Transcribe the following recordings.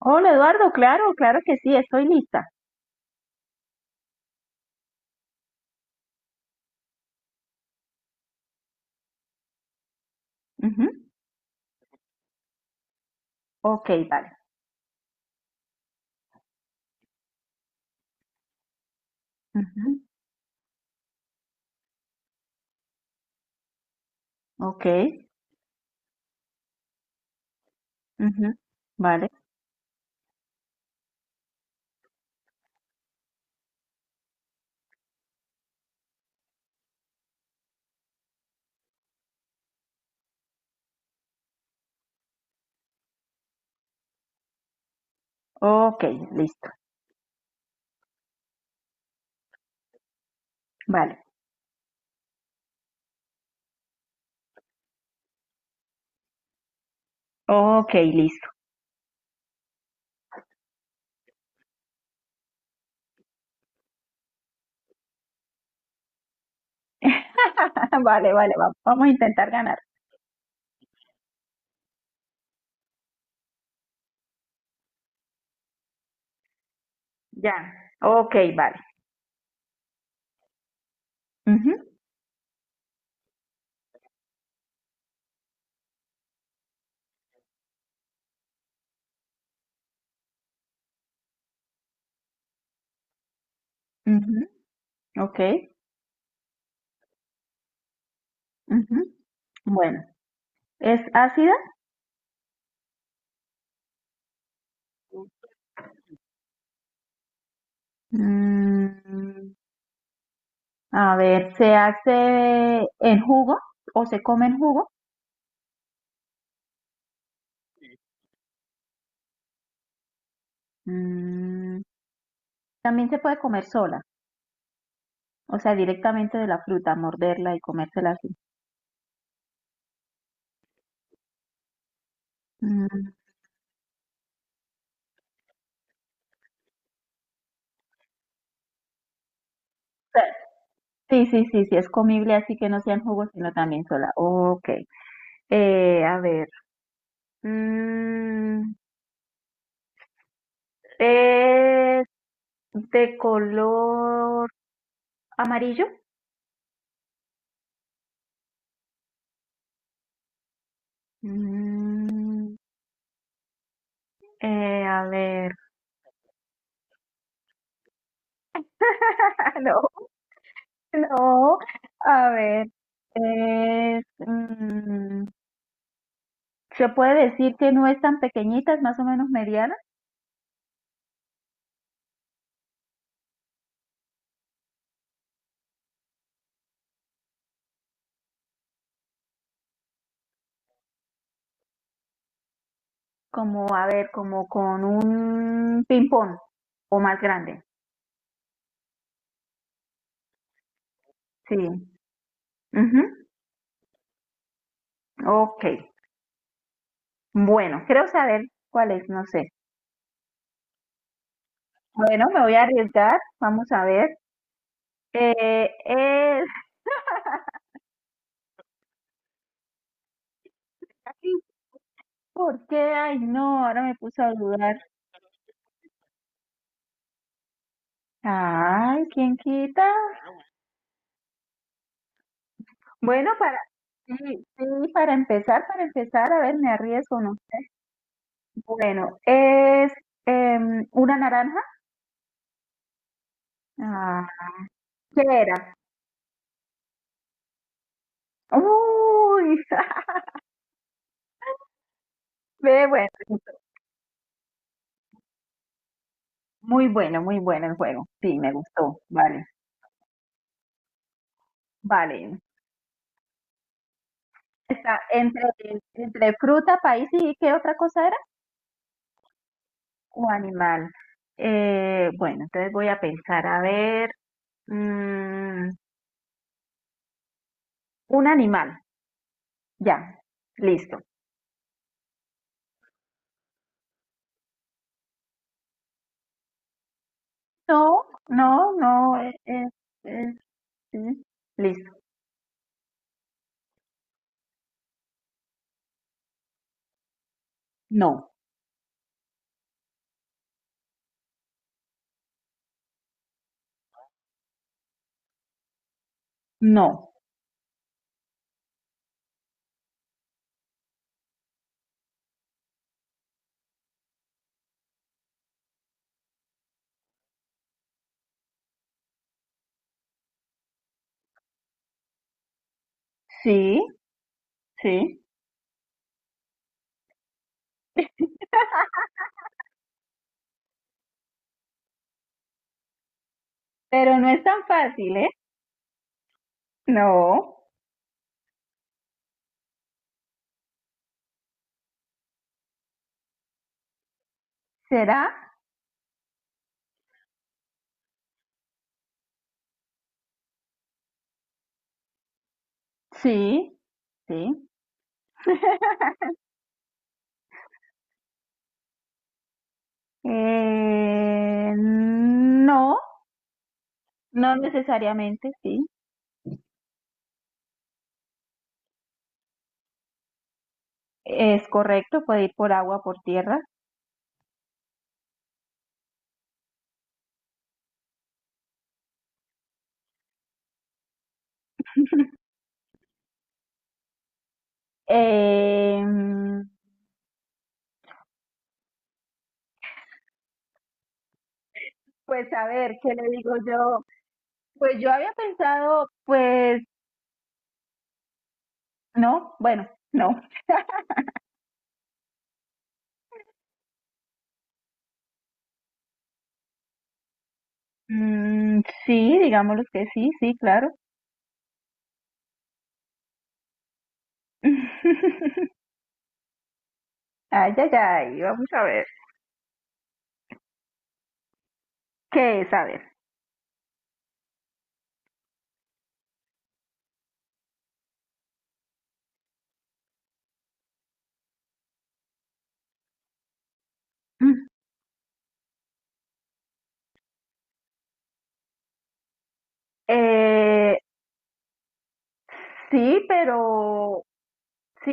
Hola Eduardo, claro, claro que sí, estoy lista. Ujú. Ok, vale. Ujú. Ok, ujú. Vale. Ok, listo. Vale. Ok, listo. Vale, vale, vamos a intentar ganar. Ya. Ok, vale. Ujú, ujú, Ok, ujú. Bueno, ¿es ácida? Mm, a ver, ¿se hace en jugo o se come en jugo? Mm, también se puede comer sola. O sea, directamente de la fruta, morderla y comérsela así. Mm, o Sí, sí, sí, sí, es comible así que no sea en jugo, sino también sola. Ok. A ver. Mm, ¿Es de color amarillo? Mm, a ver. No, no. A ver. Es, mm, ¿Se puede decir que no es tan pequeñita, es más o menos mediana? Como, a ver, como con un ping-pong o más grande. Sí. Ujú. Ok. Bueno, creo saber cuál es, no sé. Bueno, me voy a arriesgar. Vamos a ver. Eh, es... ay, ¿por qué? Ay, no, ahora me puse a dudar. Ay, ¿quién quita? Bueno, para... Sí, sí, para empezar, a ver, me arriesgo o no. Bueno, es una naranja. Ah, ¿qué era? Uy, Ve, bueno, muy bueno, muy bueno el juego. Sí, me gustó. Vale, vale. Está entre, entre fruta, país y ¿qué otra cosa era? O animal. Bueno, entonces voy a pensar, a ver, mm, un animal. Ya, listo. No, no, no, sí, listo. No, no. Sí, sí. Pero no es tan fácil, ¿eh? No. ¿Será? Sí, sí. No, no necesariamente, sí, es correcto, puede ir por agua, por tierra. Eh, pues a ver, ¿qué le digo yo? Pues yo había pensado, pues no, bueno, no. Mm, sí, digámoslo que sí, sí, claro. Ay, ay, ay, vamos a ver. ¿Qué es? A ver. Mm, eh, sí, pero sí,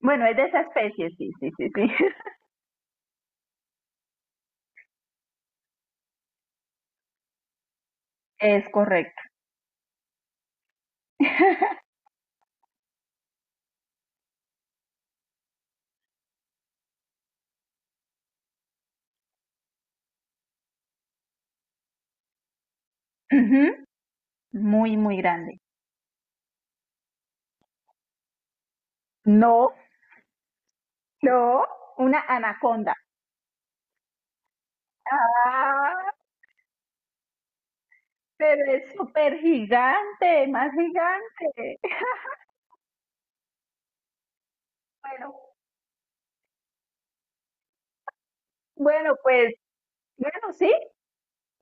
bueno, es de esa especie, sí, sí, sí, sí, es correcto. Ujú. Muy, muy grande. No. No, una anaconda. Ah, pero es súper gigante, más gigante. Bueno, bueno, pues, bueno, sí,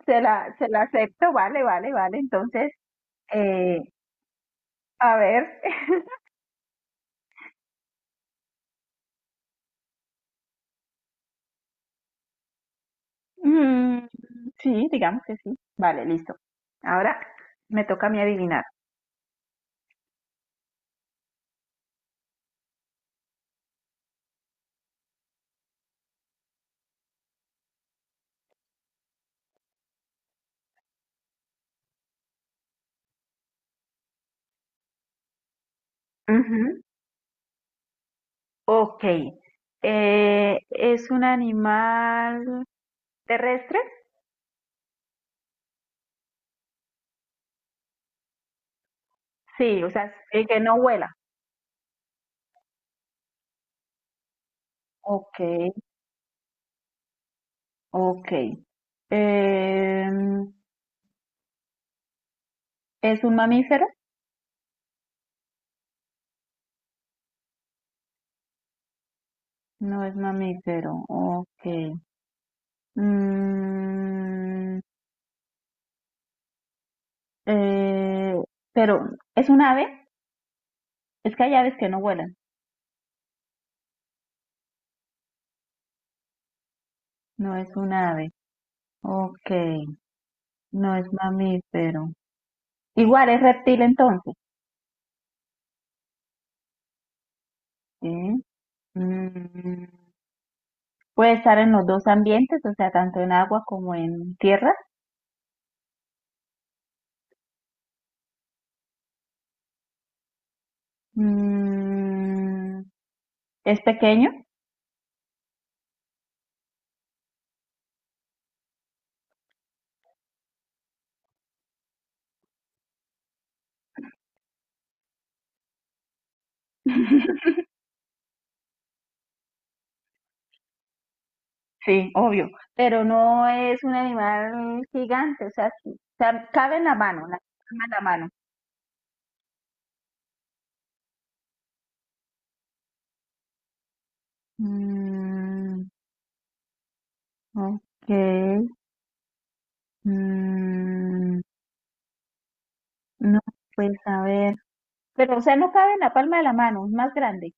se la acepto, vale, vale, vale. Entonces, eh, a ver, mm, sí, digamos que sí. Vale, listo. Ahora me toca a mí adivinar. Ujú. Ok. ¿Es un animal terrestre? Sí, o sea, que no vuela. Ok, ok. Em, ¿Es un mamífero? No es mamífero, ok. Mm, eh, pero, ¿es un ave? Es que hay aves que no vuelan. No es un ave, ok. No es mamífero. Igual es reptil entonces, ¿sí? Mm, puede estar en los dos ambientes, o sea, tanto en agua como en tierra. Mm, ¿Es pequeño? Sí, obvio, pero no es un animal gigante, o sea, sí, o sea, cabe en la mano, la palma de la mano. Mm, ok, mm, no, pues a ver, pero o sea, no cabe en la palma de la mano,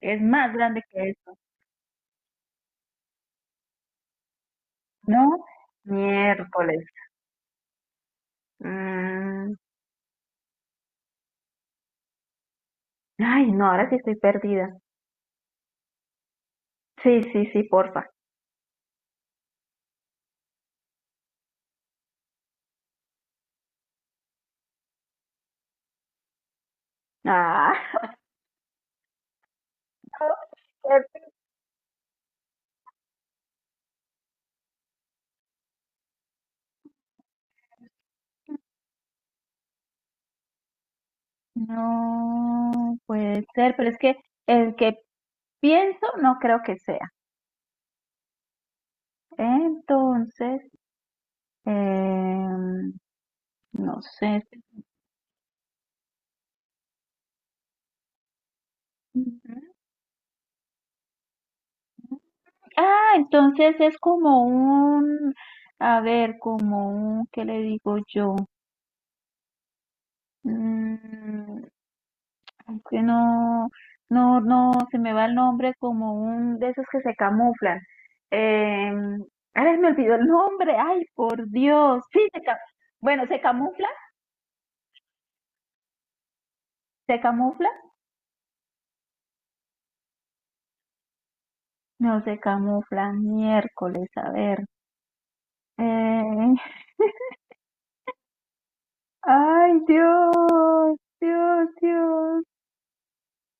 es más grande que esto, ¿no? Miércoles. Mm, ay, no, ahora sí estoy perdida. Sí, sí, sí, porfa. Ah, qué no puede ser, pero es que el que pienso no creo que sea. Entonces, em, no sé. Ujú. Ah, entonces es como un, a ver, como un, ¿qué le digo yo? Mm, es que no, no, no, se me va el nombre como un de esos que se camuflan. Em, ay, me olvidó el nombre, ay, por Dios, sí, bueno, se camufla. No se camuflan, miércoles, a ver. Eh, ay, Dios, Dios, Dios.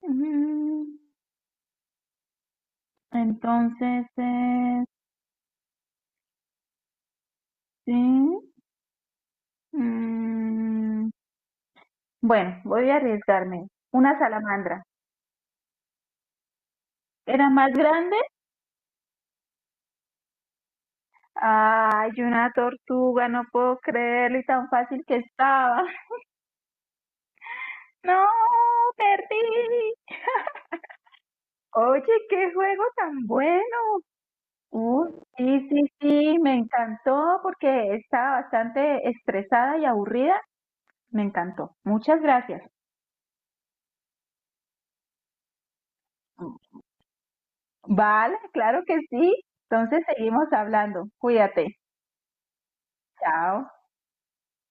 Mm, Entonces, sí. mm, bueno, voy a arriesgarme. Una salamandra. ¿Era más grande? Ay, una tortuga, no puedo creerlo y tan fácil que estaba. No, perdí. Oye, qué juego tan bueno. Uh, sí, sí, sí, me encantó porque estaba bastante estresada y aburrida. Me encantó. Muchas gracias. Vale, claro que sí. Entonces seguimos hablando. Cuídate. Chao.